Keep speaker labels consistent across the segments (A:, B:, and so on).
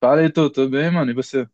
A: Fala, Heitor, tudo bem, mano? E você?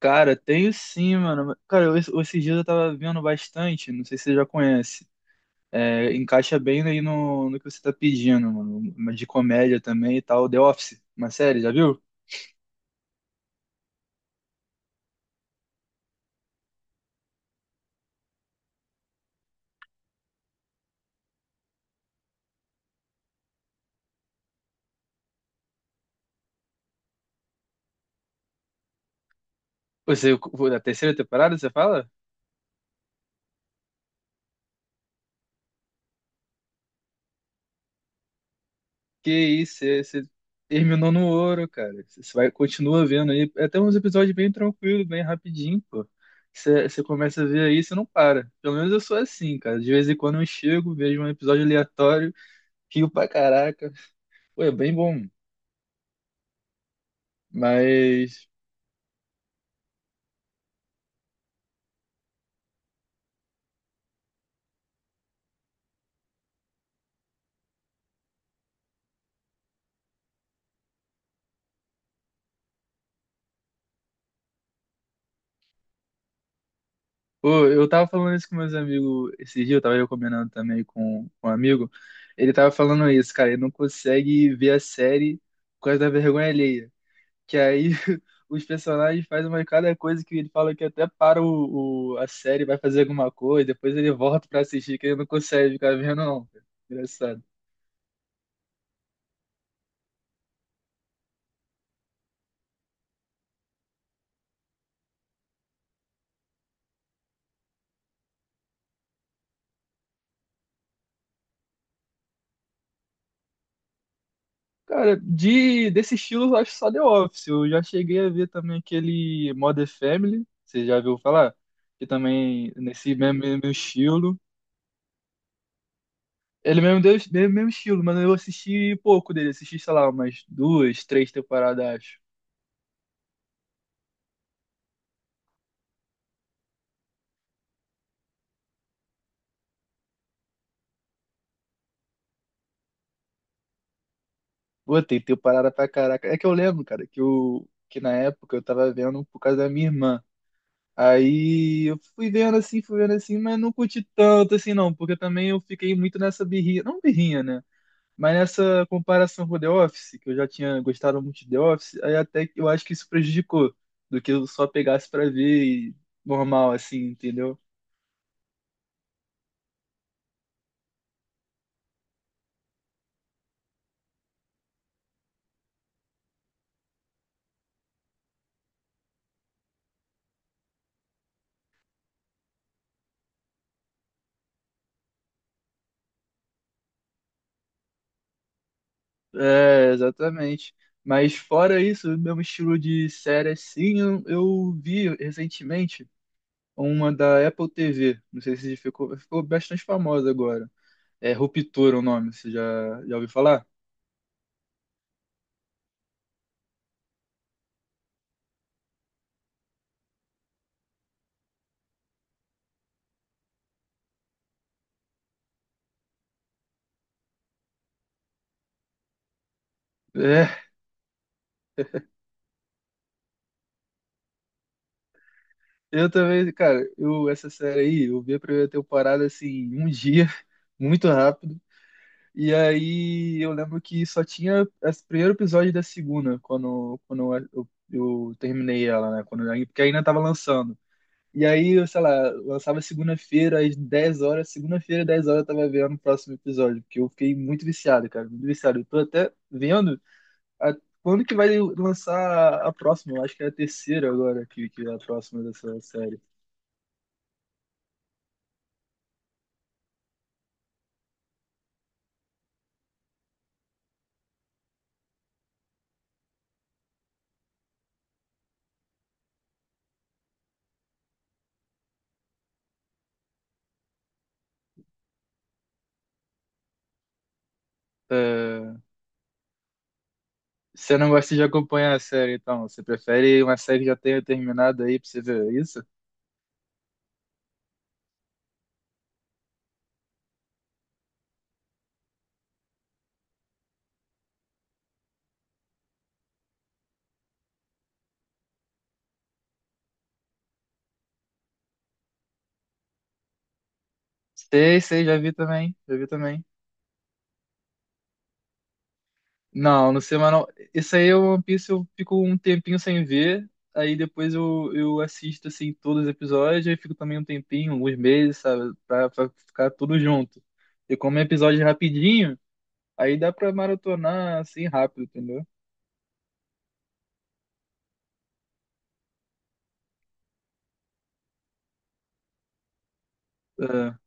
A: Cara, tenho sim, mano. Cara, esses dias eu tava vendo bastante, não sei se você já conhece. É, encaixa bem aí no que você tá pedindo, mano. Uma de comédia também e tal. The Office, uma série, já viu? Você, a terceira temporada, você fala? Que isso, você terminou no ouro, cara. Continua vendo aí. É até uns episódios bem tranquilos, bem rapidinho, pô. Você começa a ver aí, você não para. Pelo menos eu sou assim, cara. De vez em quando eu chego, vejo um episódio aleatório. Rio pra caraca. Pô, é bem bom. Mas, pô, eu tava falando isso com meus amigos esse dia, eu combinando também com um amigo. Ele tava falando isso, cara, ele não consegue ver a série por causa da vergonha alheia. Que aí os personagens fazem uma cada coisa que ele fala que até para a série, vai fazer alguma coisa, depois ele volta pra assistir, que ele não consegue ficar vendo, não, cara. Engraçado. Cara, desse estilo eu acho só The Office. Eu já cheguei a ver também aquele Modern Family, você já viu falar? Que também nesse mesmo estilo. Ele é mesmo deu mesmo estilo, mas eu assisti pouco dele. Assisti, sei lá, umas duas, três temporadas, acho. Pô, tem temporada pra caraca. É que eu lembro, cara, que na época eu tava vendo por causa da minha irmã. Aí eu fui vendo assim, mas não curti tanto assim não, porque também eu fiquei muito nessa birrinha. Não birrinha, né? Mas nessa comparação com The Office, que eu já tinha gostado muito de The Office, aí até que eu acho que isso prejudicou do que eu só pegasse pra ver e normal, assim, entendeu? É, exatamente. Mas fora isso, o meu estilo de série, assim, eu vi recentemente uma da Apple TV. Não sei se ficou bastante famosa agora. É Ruptura o nome, você já ouviu falar? É, eu também, cara, essa série aí, eu vi a primeira temporada, assim, em um dia, muito rápido. E aí eu lembro que só tinha esse primeiro episódio da segunda, quando terminei ela, né? Porque ainda tava lançando. E aí, sei lá, lançava segunda-feira às 10 horas, segunda-feira às 10 horas eu tava vendo o próximo episódio, porque eu fiquei muito viciado, cara, muito viciado. Eu tô até vendo a- quando que vai lançar a próxima, eu acho que é a terceira agora que é a próxima dessa série. É. Você não gosta de acompanhar a série, então? Você prefere uma série que já tenha terminado aí pra você ver é isso? Sei, sei, já vi também, já vi também. Não, no semanal. Isso aí é o One Piece, eu fico um tempinho sem ver, aí depois eu assisto, assim, todos os episódios, aí fico também um tempinho, alguns meses, sabe, pra ficar tudo junto. E como é episódio rapidinho, aí dá pra maratonar, assim, rápido, entendeu? É.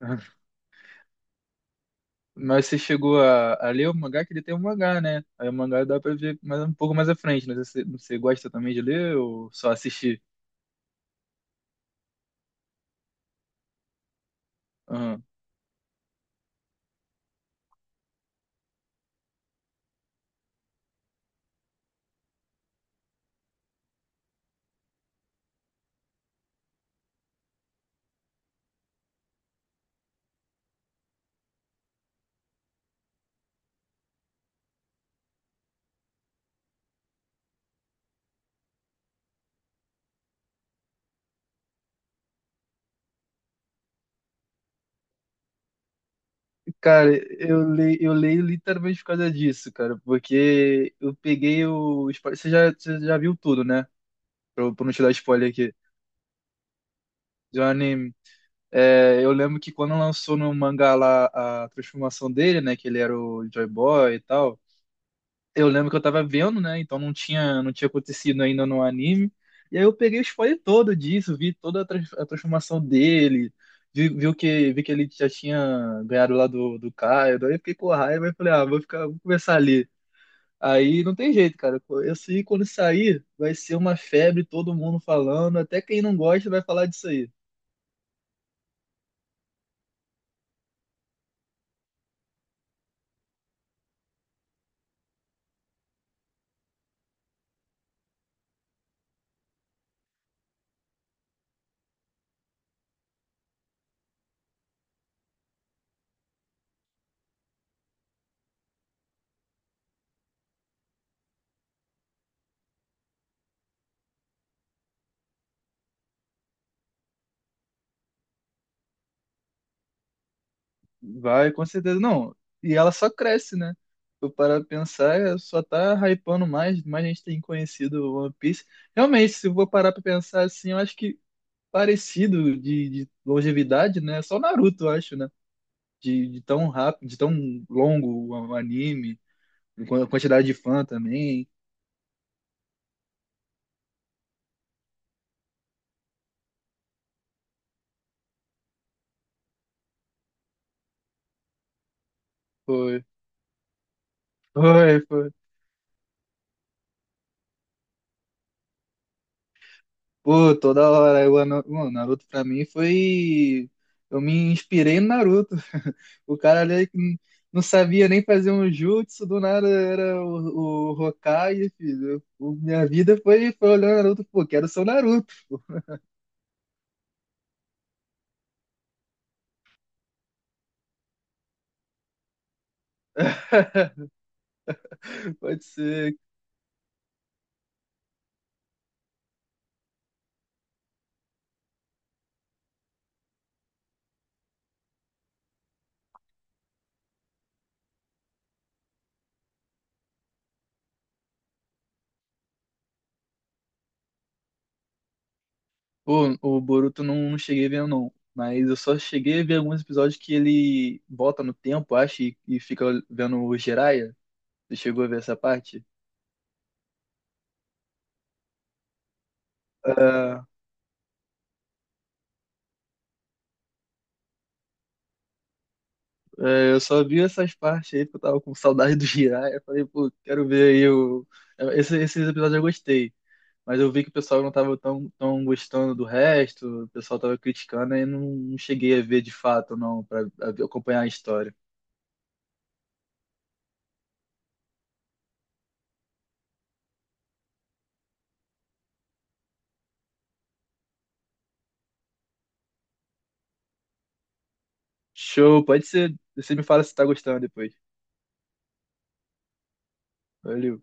A: Mas você chegou a ler o mangá, que ele tem um mangá, né? Aí o mangá dá pra ver mais, um pouco mais à frente, né? Você gosta também de ler ou só assistir? Cara, eu leio literalmente por causa disso, cara, porque eu peguei Você já, você já viu tudo, né? Pra não te dar spoiler aqui. De um anime. É, eu lembro que quando lançou no mangá lá a transformação dele, né? Que ele era o Joy Boy e tal. Eu lembro que eu tava vendo, né? Então não tinha acontecido ainda no anime. E aí eu peguei o spoiler todo disso, vi toda a transformação dele, vi que ele já tinha ganhado lá do Caio. Daí eu fiquei com raiva e falei, ah, vou começar ali. Aí não tem jeito, cara. Isso aí, quando sair, vai ser uma febre, todo mundo falando. Até quem não gosta vai falar disso aí. Vai, com certeza. Não, e ela só cresce, né? Eu parar pra pensar, é, só tá hypando mais, mais gente tem conhecido o One Piece. Realmente, se eu vou parar pra pensar assim, eu acho que parecido de longevidade, né? Só o Naruto, eu acho, né? De tão rápido, de tão longo o anime, com a quantidade de fã também. Foi, foi, foi. Pô, toda hora. Mano, Naruto pra mim foi. Eu me inspirei no Naruto. O cara ali que não sabia nem fazer um jutsu, do nada era o Hokage, filho. Minha vida foi, olhando Naruto. Pô, quero ser o Naruto. Pode ser. Pô, o Boruto não cheguei vendo, não. Mas eu só cheguei a ver alguns episódios que ele volta no tempo, acho, e fica vendo o Jiraiya. Você chegou a ver essa parte? É, eu só vi essas partes aí porque eu tava com saudade do Jiraiya. Eu falei, pô, quero ver aí esses episódios eu gostei. Mas eu vi que o pessoal não tava tão gostando do resto, o pessoal tava criticando e não cheguei a ver de fato, não, pra acompanhar a história. Show, pode ser. Você me fala se tá gostando depois. Valeu.